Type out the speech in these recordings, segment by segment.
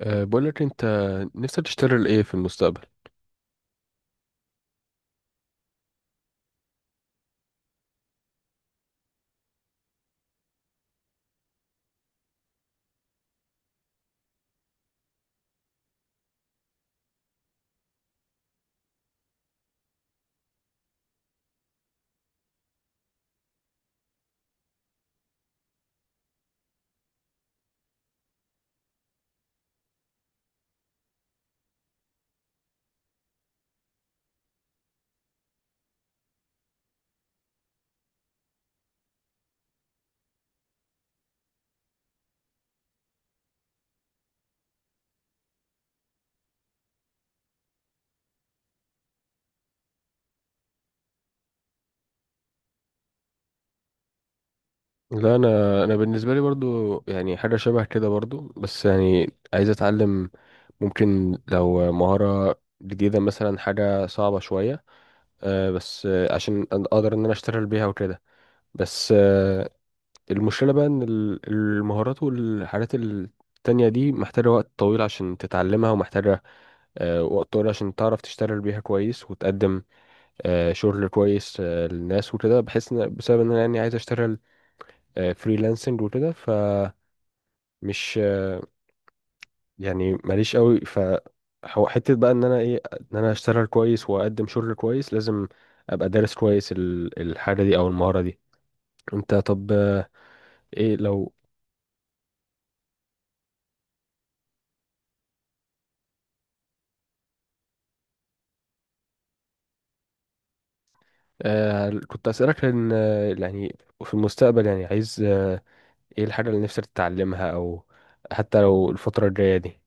بقول لك انت نفسك تشتغل ايه في المستقبل؟ لا، انا بالنسبه لي برضو يعني حاجه شبه كده برضو، بس يعني عايز اتعلم. ممكن لو مهاره جديده مثلا، حاجه صعبه شويه، بس عشان اقدر ان انا اشتغل بيها وكده. بس المشكله بقى ان المهارات والحاجات التانية دي محتاجه وقت طويل عشان تتعلمها، ومحتاجه وقت طويل عشان تعرف تشتغل بيها كويس وتقدم شغل كويس للناس وكده. بحس ان بسبب ان انا يعني عايز اشتغل فريلانسنج وكده، فمش آه، يعني ماليش قوي. ف هو حته بقى ان انا ايه، ان انا اشتغل كويس واقدم شغل كويس، لازم ابقى دارس كويس الحاجه دي او المهاره دي. انت طب، ايه لو كنت اسالك؟ لان يعني في المستقبل يعني عايز ايه الحاجه اللي نفسك تتعلمها، او حتى لو الفتره الجايه دي؟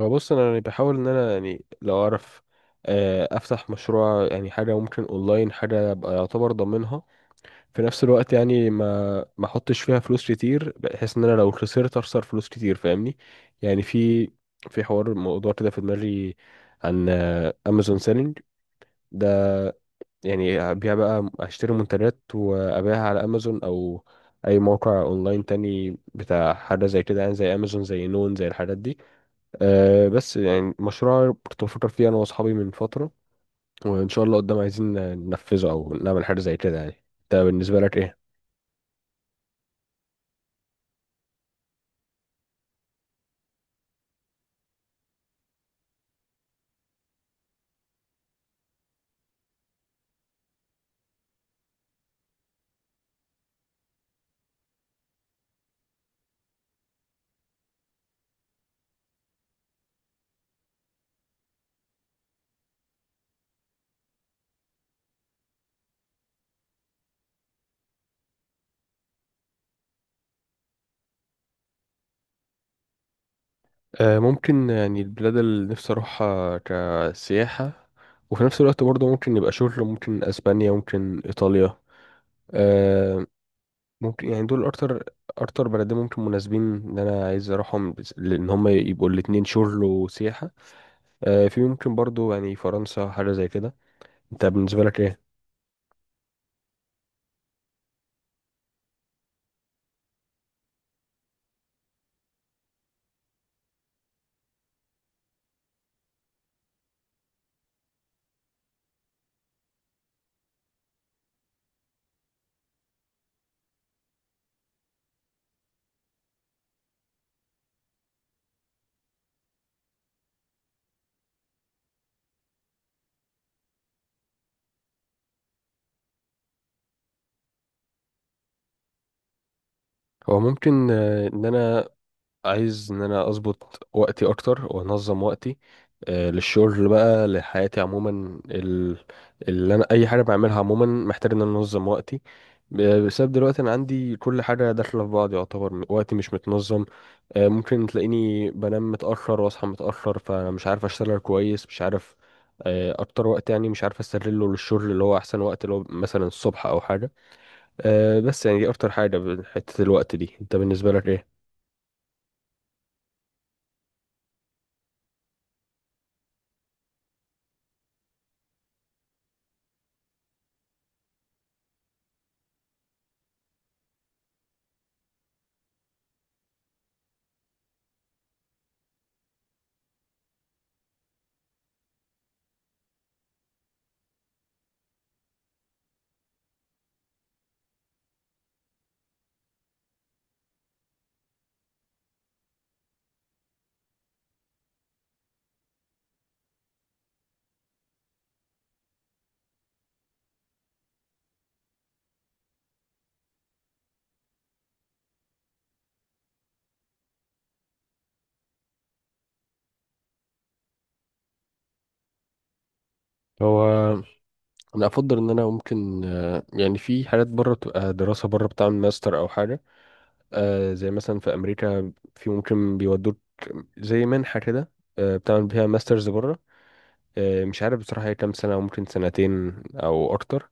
هو بص، انا يعني بحاول ان انا، يعني لو اعرف افتح مشروع يعني، حاجه ممكن اونلاين، حاجه ابقى يعتبر ضامنها في نفس الوقت، يعني ما احطش فيها فلوس كتير بحيث ان انا لو خسرت اخسر فلوس كتير. فاهمني؟ يعني في حوار، موضوع كده في دماغي، عن امازون سيلينج ده. يعني ابيع بقى، اشتري منتجات وابيعها على امازون او اي موقع اونلاين تاني بتاع حاجه زي كده، يعني زي امازون، زي نون، زي الحاجات دي. أه بس يعني مشروع كنت بفكر فيه انا واصحابي من فتره، وان شاء الله قدام عايزين ننفذه او نعمل حاجه زي كده. يعني انت بالنسبه لك ايه؟ أه ممكن، يعني البلاد اللي نفسي اروحها كسياحه وفي نفس الوقت برضه ممكن يبقى شغل، ممكن اسبانيا، ممكن ايطاليا. أه ممكن يعني دول اكتر، اكتر بلدين ممكن مناسبين ان انا عايز اروحهم، بس لان هم يبقوا الاتنين شغل وسياحه. أه في ممكن برضه يعني فرنسا، حاجه زي كده. انت بالنسبه لك ايه؟ هو ممكن ان انا عايز ان انا اظبط وقتي اكتر وانظم وقتي للشغل بقى، لحياتي عموما، اللي انا اي حاجه بعملها عموما محتاج ان انا انظم وقتي، بسبب دلوقتي انا عندي كل حاجه داخله في بعض، يعتبر وقتي مش متنظم. ممكن تلاقيني بنام متاخر واصحى متاخر، فمش عارف اشتغل كويس، مش عارف اكتر وقت يعني مش عارف استغله للشغل، اللي هو احسن وقت اللي هو مثلا الصبح او حاجه. بس يعني دي اكتر حاجه، حته الوقت دي. انت بالنسبه لك ايه؟ هو انا افضل ان انا ممكن يعني في حاجات بره بتبقى دراسه بره، بتعمل ماستر او حاجه، زي مثلا في امريكا، في ممكن بيودوك، زي منحه كده، بتعمل بيها ماسترز بره. مش عارف بصراحه هي كام سنه، ممكن سنتين او اكتر.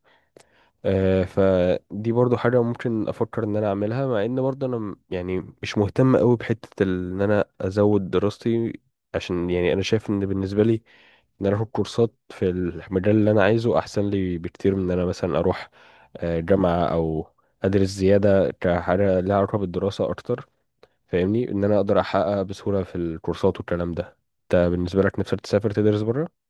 فدي برضو حاجه ممكن افكر ان انا اعملها، مع ان برضو انا يعني مش مهتم قوي بحته ان انا ازود دراستي. عشان يعني انا شايف ان بالنسبه لي، ان انا اخد كورسات في المجال اللي انا عايزه احسن لي بكتير من ان انا مثلا اروح جامعة او ادرس زيادة كحاجة ليها علاقة بالدراسة اكتر. فاهمني، ان انا اقدر احقق بسهولة في الكورسات والكلام ده. انت بالنسبة لك نفسك تسافر تدرس بره؟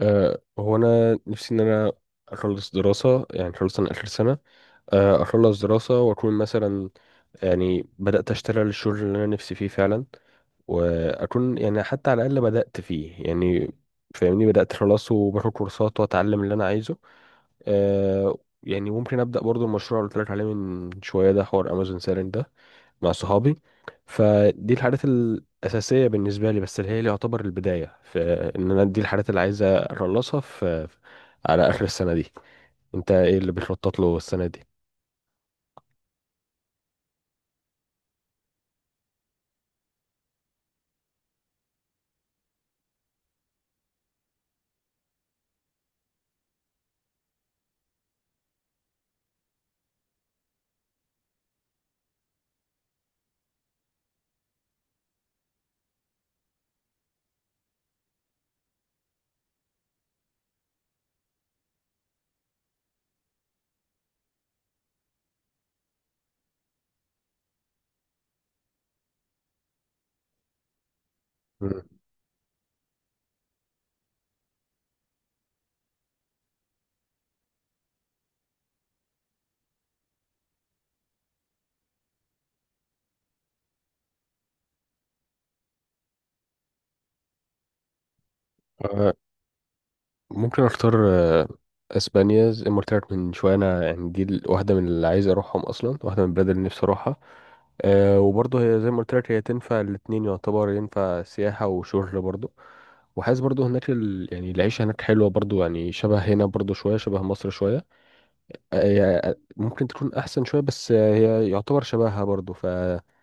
أه هو انا نفسي ان انا اخلص دراسة، يعني خلص انا اخر سنة. اخلص دراسة واكون مثلا يعني بدأت اشتغل الشغل اللي انا نفسي فيه فعلا، واكون يعني حتى على الاقل بدات فيه، يعني فاهمني بدات خلاص، وباخد كورسات واتعلم اللي انا عايزه. آه يعني ممكن ابدا برضو المشروع اللي قلت لك عليه من شويه ده، حوار امازون سيلينج ده مع صحابي. فدي الحاجات الاساسيه بالنسبه لي، بس اللي هي اللي يعتبر البدايه في ان انا، دي الحاجات اللي عايز اخلصها في على اخر السنه دي. انت ايه اللي بتخطط له السنه دي؟ مم. ممكن اختار اسبانيا، زي ما قلت لك من شويه، انا يعني دي واحده من اللي عايز اروحهم اصلا، واحده من البلاد اللي نفسي اروحها. أه وبرضه هي زي ما قلت لك، هي تنفع الاتنين، يعتبر ينفع سياحه وشغل برضه. وحاسس برضه هناك يعني العيشه هناك حلوه برضه، يعني شبه هنا برضه شويه، شبه مصر شويه. هي ممكن تكون احسن شويه، بس هي يعتبر شبهها برضه. فدي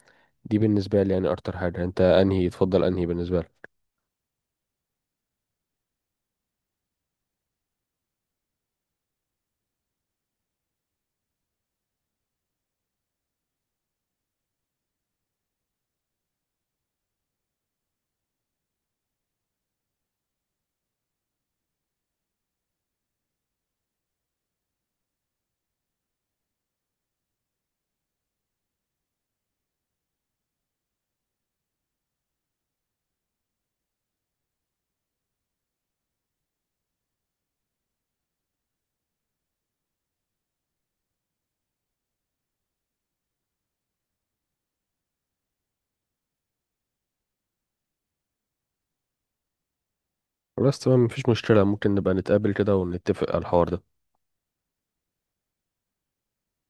بالنسبه لي يعني اكتر حاجه. انت انهي تفضل؟ انهي بالنسبه لك؟ بس تمام، مفيش مشكله. ممكن نبقى نتقابل كده ونتفق على الحوار ده.